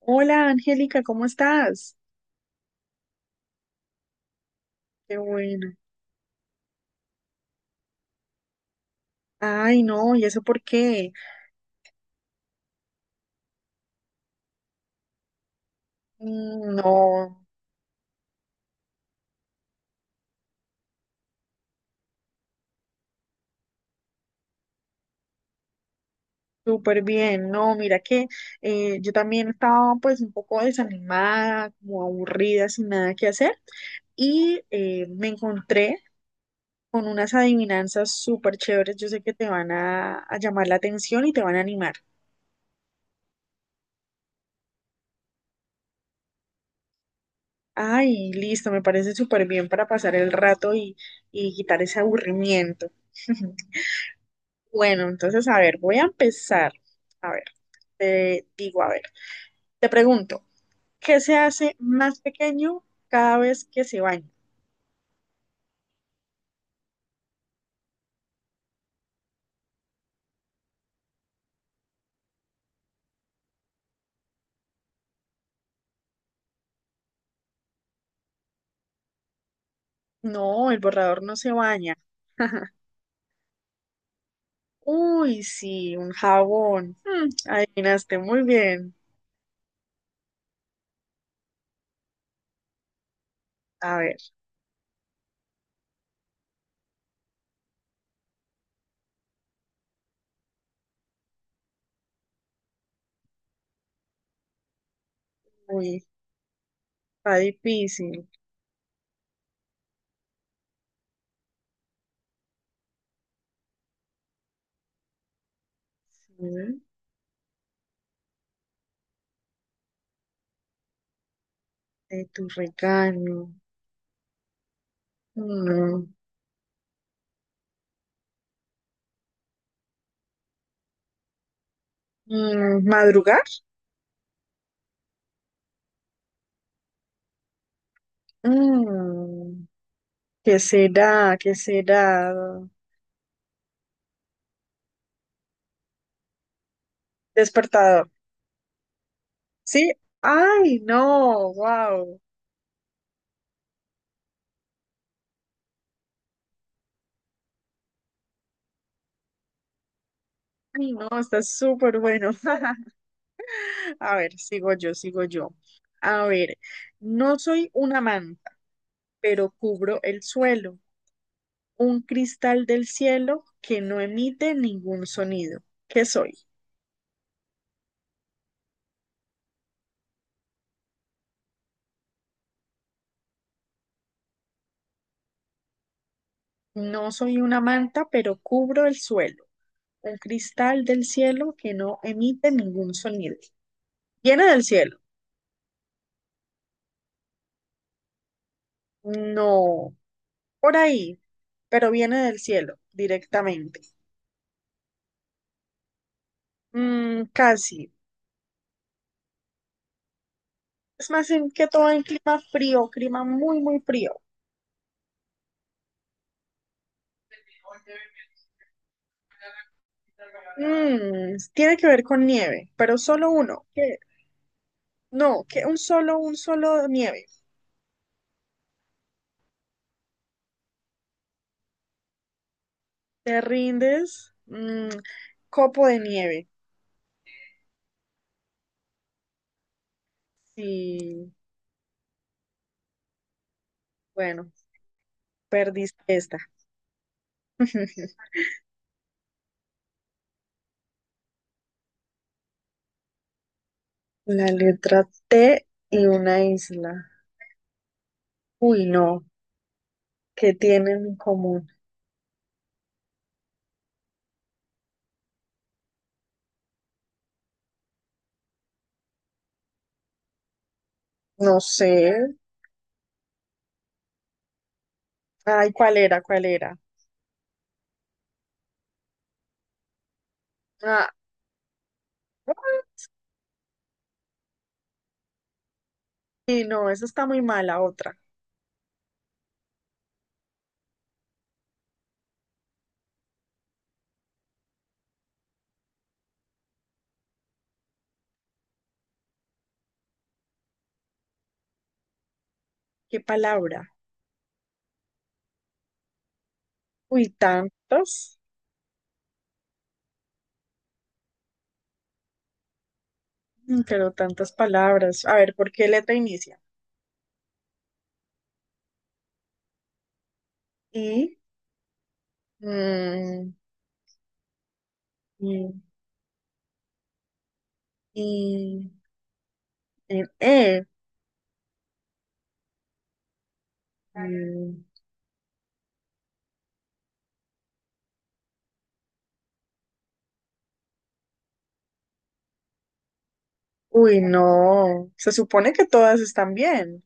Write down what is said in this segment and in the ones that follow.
Hola, Angélica, ¿cómo estás? Qué bueno. Ay, no, ¿y eso por qué? Mm, no, súper bien. No, mira que yo también estaba, pues, un poco desanimada, como aburrida, sin nada que hacer. Y me encontré con unas adivinanzas súper chéveres. Yo sé que te van a llamar la atención y te van a animar. Ay, listo, me parece súper bien para pasar el rato y quitar ese aburrimiento. Bueno, entonces, a ver, voy a empezar. A ver, te digo, a ver, te pregunto, ¿qué se hace más pequeño cada vez que se baña? No, el borrador no se baña. Uy, sí, un jabón. Mm, adivinaste muy bien. A ver, uy, está difícil. Sí, de tu regalo. Mm, mm, ¿madrugar? Mm, ¿qué será? ¿Qué será? Despertador. Sí, ay, no, wow. Ay, no, está súper bueno. A ver, sigo yo, sigo yo. A ver, no soy una manta, pero cubro el suelo, un cristal del cielo que no emite ningún sonido. ¿Qué soy? No soy una manta, pero cubro el suelo, un cristal del cielo que no emite ningún sonido. ¿Viene del cielo? No. Por ahí, pero viene del cielo directamente. Mm, casi. Es más en que todo en clima frío, clima muy, muy frío. Mm, tiene que ver con nieve, pero solo uno. ¿Qué? No, que un solo nieve. Te rindes. Mm, copo de nieve. Sí, bueno, perdiste esta. La letra T y una isla. Uy, no, ¿qué tienen en común? No sé. Ay, ¿cuál era? ¿Cuál era? Ah, y no, esa está muy mala, otra. ¿Qué palabra? Uy, tantas, mm, pero tantas palabras. A ver, ¿por qué letra inicia? I, mm, y, y, en E. Mm, uy, no. Se supone que todas están bien.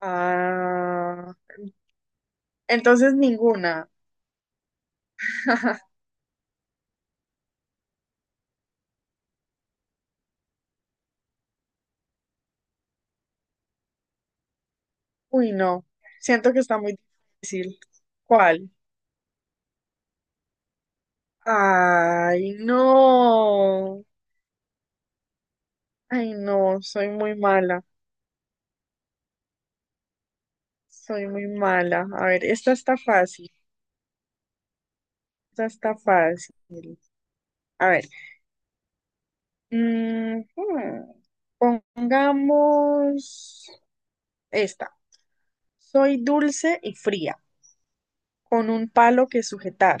Ah, entonces ninguna. Uy, no. Siento que está muy difícil. ¿Cuál? Ay, no. Ay, no, soy muy mala. Soy muy mala. A ver, esta está fácil. Esta está fácil. A ver. mm, hmm, Pongamos esta. Soy dulce y fría, con un palo que sujetar.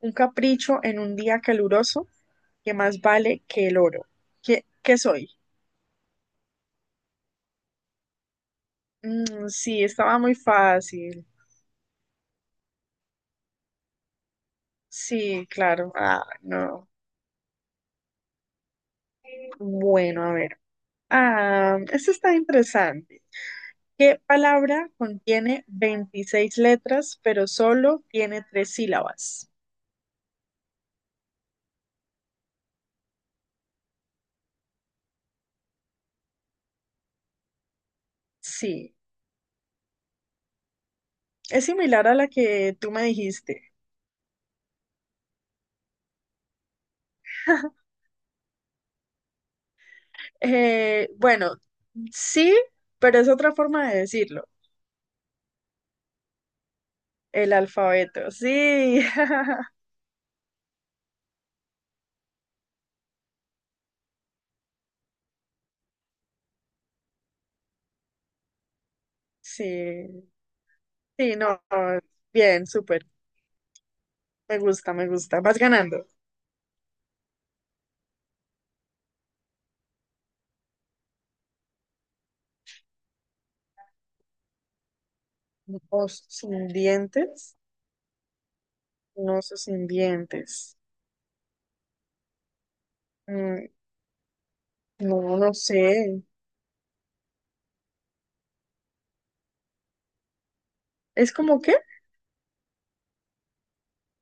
Un capricho en un día caluroso que más vale que el oro. ¿Qué, qué soy? Mm, sí, estaba muy fácil. Sí, claro. Ah, no. Bueno, a ver. Ah, esto está interesante. ¿Qué palabra contiene 26 letras, pero solo tiene tres sílabas? Sí, es similar a la que tú me dijiste. Bueno, sí, pero es otra forma de decirlo. El alfabeto, sí. Sí, sí, no, no, bien, súper. Me gusta, me gusta. Vas ganando. Ojos sin dientes. Un sin dientes. Mm, no, no sé. ¿Es como qué?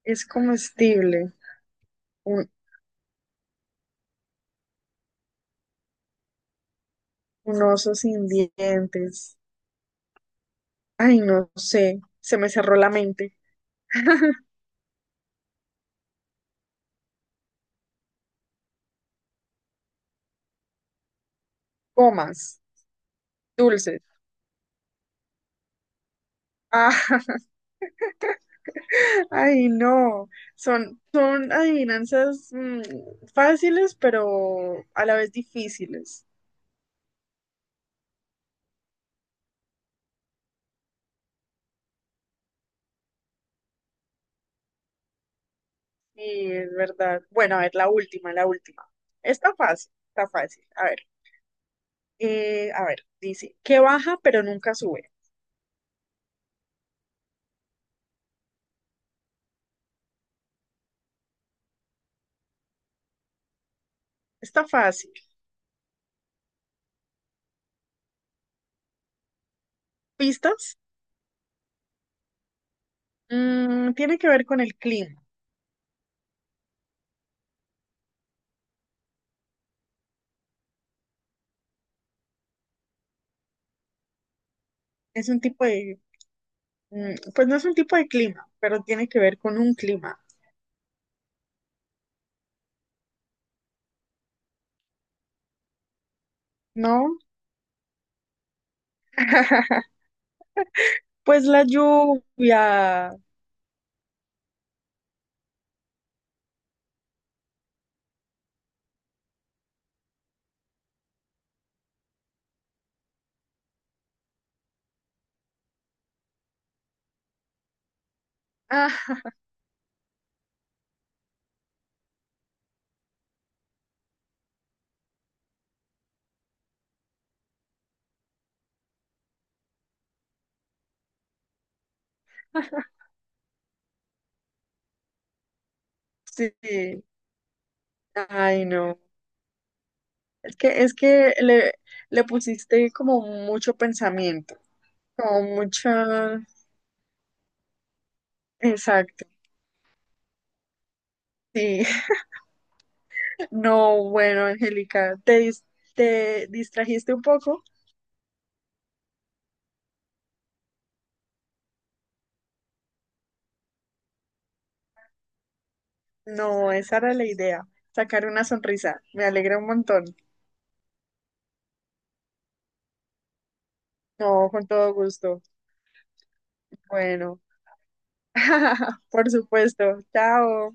Es comestible. Un, un oso sin dientes. Ay, no sé. Se me cerró la mente. Comas. Dulces. Ah, ay, no. Son adivinanzas, mm, fáciles, pero a la vez difíciles. Sí, es verdad. Bueno, a ver, la última, la última. Está fácil, está fácil. A ver. A ver, dice, que baja pero nunca sube. Está fácil. ¿Pistas? Mm, tiene que ver con el clima. Es un tipo de, mm, pues no es un tipo de clima, pero tiene que ver con un clima, ¿no? Pues la lluvia. Ah, sí. Ay, no. Es que le, le pusiste como mucho pensamiento, como mucha... Exacto. Sí. No, bueno, Angélica, te, te distrajiste un poco. No, esa era la idea, sacar una sonrisa. Me alegra un montón. No, con todo gusto. Bueno, por supuesto. Chao.